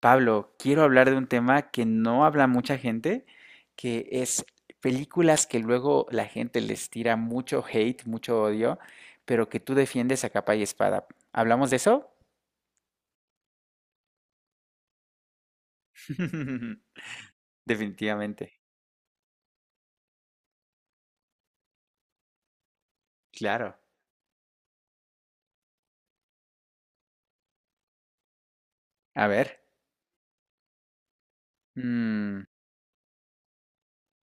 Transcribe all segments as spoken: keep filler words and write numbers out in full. Pablo, quiero hablar de un tema que no habla mucha gente, que es películas que luego la gente les tira mucho hate, mucho odio, pero que tú defiendes a capa y espada. ¿Hablamos de eso? Definitivamente. Claro. A ver. Mm,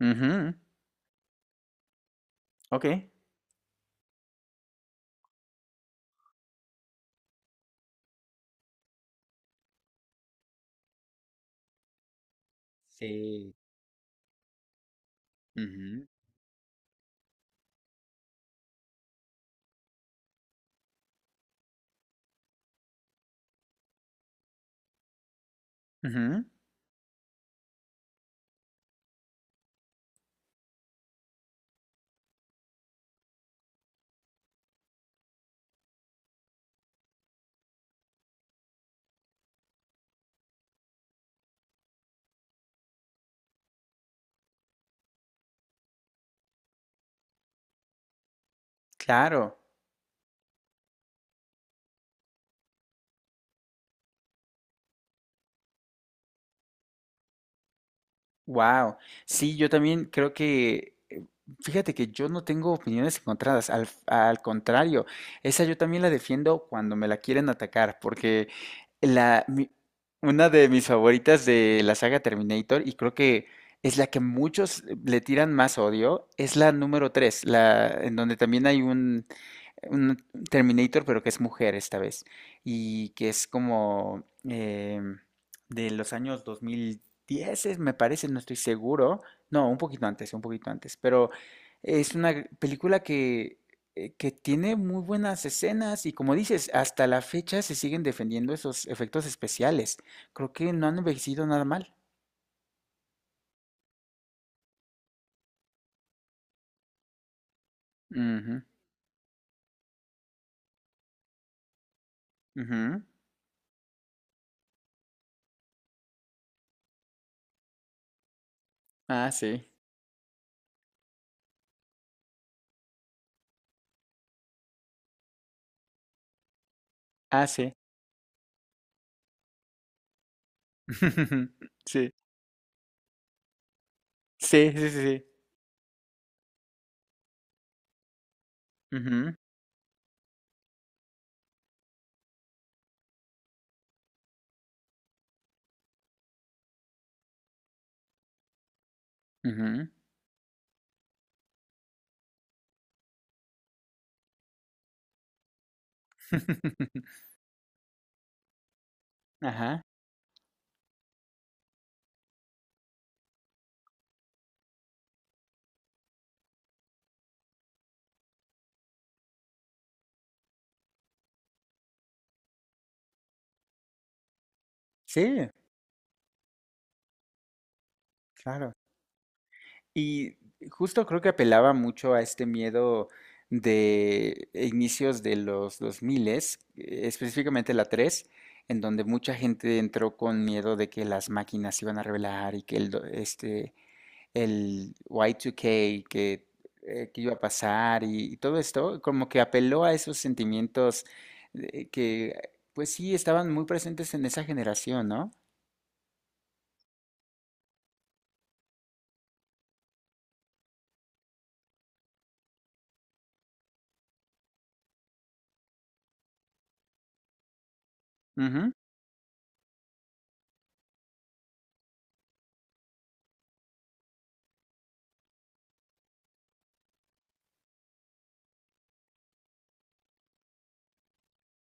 ujú. Ok. Sí. Ujú, ujú. Claro. Wow, sí, yo también creo que, eh, fíjate que yo no tengo opiniones encontradas, al, al contrario, esa yo también la defiendo cuando me la quieren atacar, porque la, mi- una de mis favoritas de la saga Terminator, y creo que es la que muchos le tiran más odio, es la número tres la, en donde también hay un, un Terminator, pero que es mujer esta vez, y que es como em, de los años dos mil diez, es- me parece, no estoy seguro, no, un poquito antes, un poquito antes, pero es una película que, eh, que tiene muy buenas escenas y como dices, hasta la fecha se siguen defendiendo esos efectos especiales, creo que no han envejecido nada mal. Ujú, ujú. Ah, sí, ah, sí, sí, sí, sí, sí, sí. Ujú, ujú. Ajá, sí, claro. Y justo creo que apelaba mucho a este miedo de inicios de los dos mil, específicamente la tres, en donde mucha gente entró con miedo de que las máquinas se iban a revelar y que el, do- este, el Y dos K, que, eh, que iba a pasar y, y todo esto, como que apeló a esos sentimientos eh, que, pues sí, estaban muy presentes en esa generación, no. Ujú,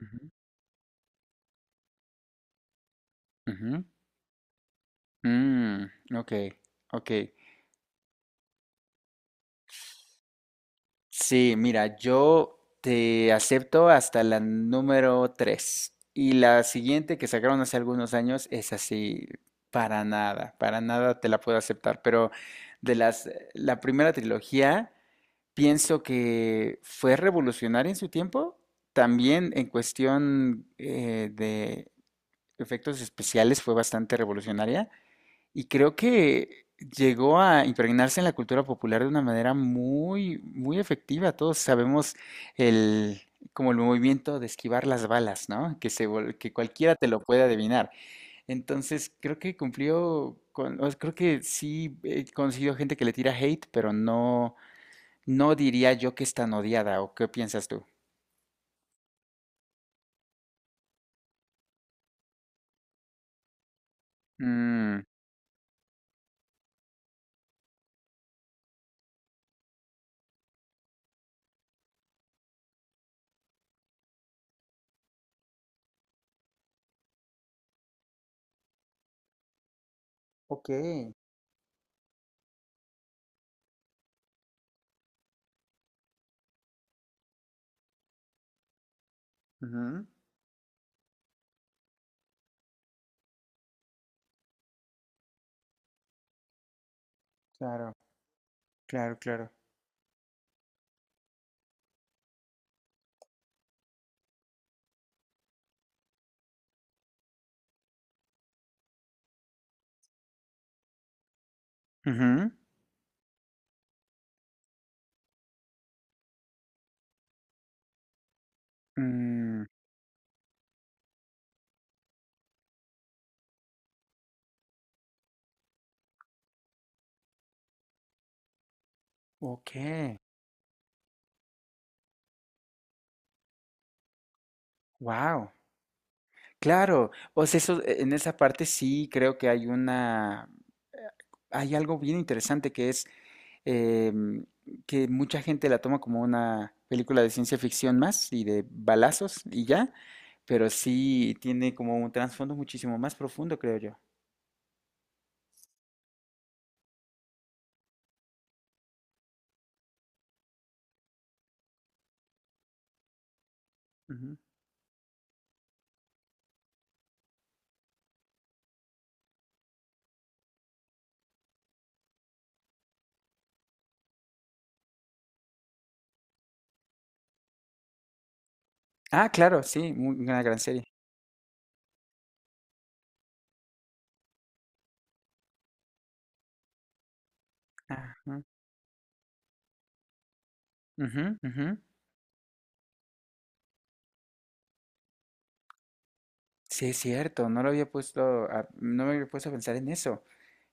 ujú, ujú. Mm, ok, ok. Sí, mira, yo te acepto hasta la número tres. Y la siguiente que sacaron hace algunos años es así, para nada, para nada te la puedo aceptar. Pero de las, eh, la primera trilogía, pienso que fue revolucionaria en su tiempo. También en cuestión eh, de efectos especiales fue bastante revolucionaria. Y creo que llegó a impregnarse en la cultura popular de una manera muy, muy efectiva. Todos sabemos el, como el movimiento de esquivar las balas, ¿no? Que se, vol- que cualquiera te lo puede adivinar. Entonces, creo que cumplió con, o sea, creo que sí he conocido gente que le tira hate, pero no, no diría yo que es tan odiada, ¿o qué piensas tú? Mm, ok. Ujú. Claro, claro, claro. Ujú, mm, ok. Wow. Claro, pues eso, e- en esa parte sí creo que hay una, eh, hay algo bien interesante que es em, que mucha gente la toma como una película de ciencia ficción más y de balazos y ya, pero sí tiene como un trasfondo muchísimo más profundo, creo yo. Ujú. Ah, claro, sí, muy- una gran serie. Ajá, ujú, ujú. Sí, es cierto, no lo había puesto a- no me había puesto a pensar en eso.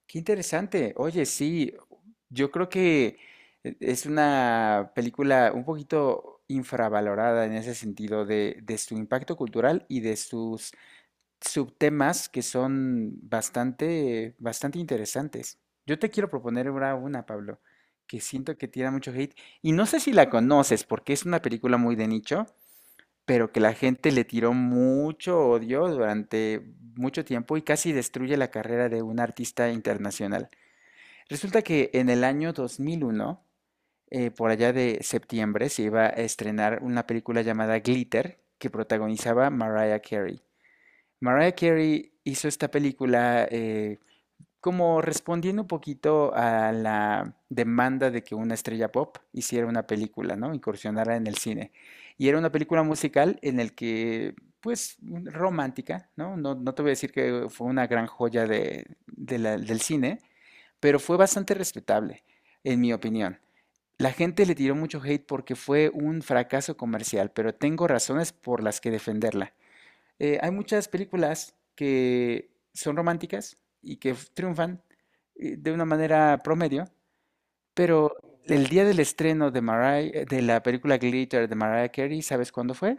Qué interesante. Oye, sí, yo creo que e- es una película un poquito infravalorada en ese sentido de, de su impacto cultural y de sus subtemas que son bastante, bastante interesantes. Yo te quiero proponer ahora una, Pablo, que siento que tira mucho hate y no sé si la conoces porque es una película muy de nicho, pero que la gente le tiró mucho odio durante mucho tiempo y casi destruye la carrera de un artista internacional. Resulta que en el año dos mil uno, eh, por allá de septiembre, se iba a estrenar una película llamada Glitter que protagonizaba Mariah Carey. Mariah Carey hizo esta película eh, como respondiendo un poquito a la demanda de que una estrella pop hiciera una película, ¿no? Incursionara en el cine. Y era una película musical en el que, pues, romántica, ¿no? No, no te voy a decir que fue una gran joya de, de la- del cine, pero fue bastante respetable, en mi opinión. La gente le tiró mucho hate porque fue un fracaso comercial, pero tengo razones por las que defenderla. Eh, hay muchas películas que son románticas y que triunfan eh, de una manera promedio, pero el día del estreno de, Mariah- eh, de la película Glitter de Mariah Carey, ¿sabes cuándo fue?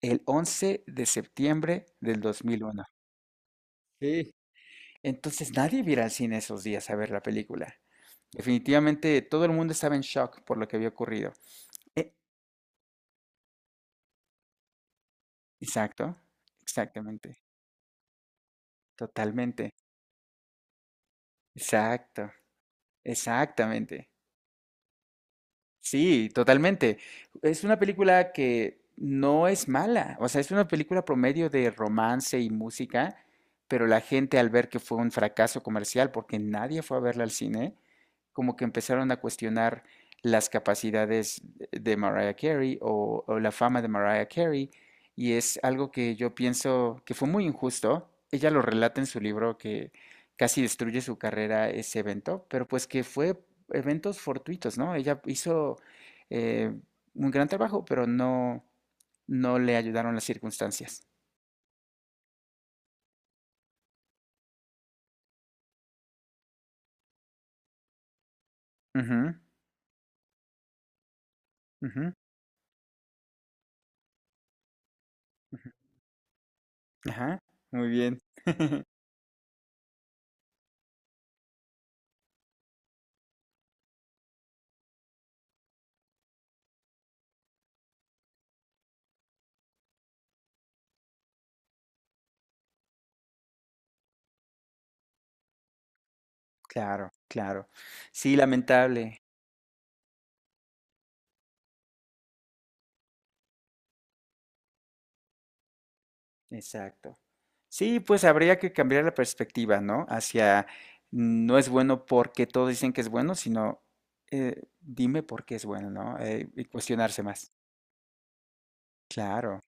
El once de septiembre del dos mil uno. Sí. Entonces nadie iba a ir al cine esos días a ver la película. Definitivamente todo el mundo estaba en shock por lo que había ocurrido. Eh, exacto, exactamente, totalmente, exacto, exactamente. Sí, totalmente. Es una película que no es mala, o sea, es una película promedio de romance y música, pero la gente al ver que fue un fracaso comercial, porque nadie fue a verla al cine, como que empezaron a cuestionar las capacidades de Mariah Carey o, o la fama de Mariah Carey y es algo que yo pienso que fue muy injusto. Ella lo relata en su libro que casi destruye su carrera ese evento, pero pues que fue eventos fortuitos, ¿no? Ella hizo eh, un gran trabajo, pero no, no le ayudaron las circunstancias. Ujú, ujú, ujú. Ajá, muy bien. Claro, claro. Sí, lamentable. Exacto. Sí, pues habría que cambiar la perspectiva, ¿no? Hacia no es bueno porque todos dicen que es bueno, sino eh, dime por qué es bueno, ¿no? Eh, y cuestionarse más. Claro,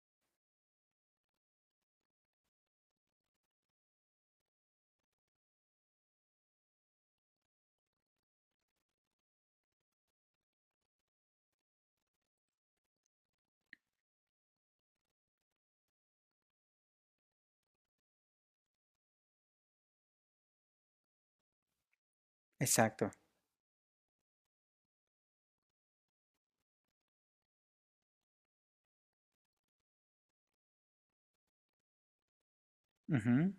exacto. Ujú.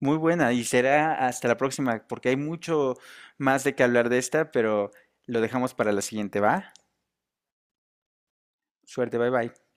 Muy buena, y será hasta la próxima, porque hay mucho más de qué hablar de esta, pero lo dejamos para la siguiente, ¿va? Suerte, bye bye.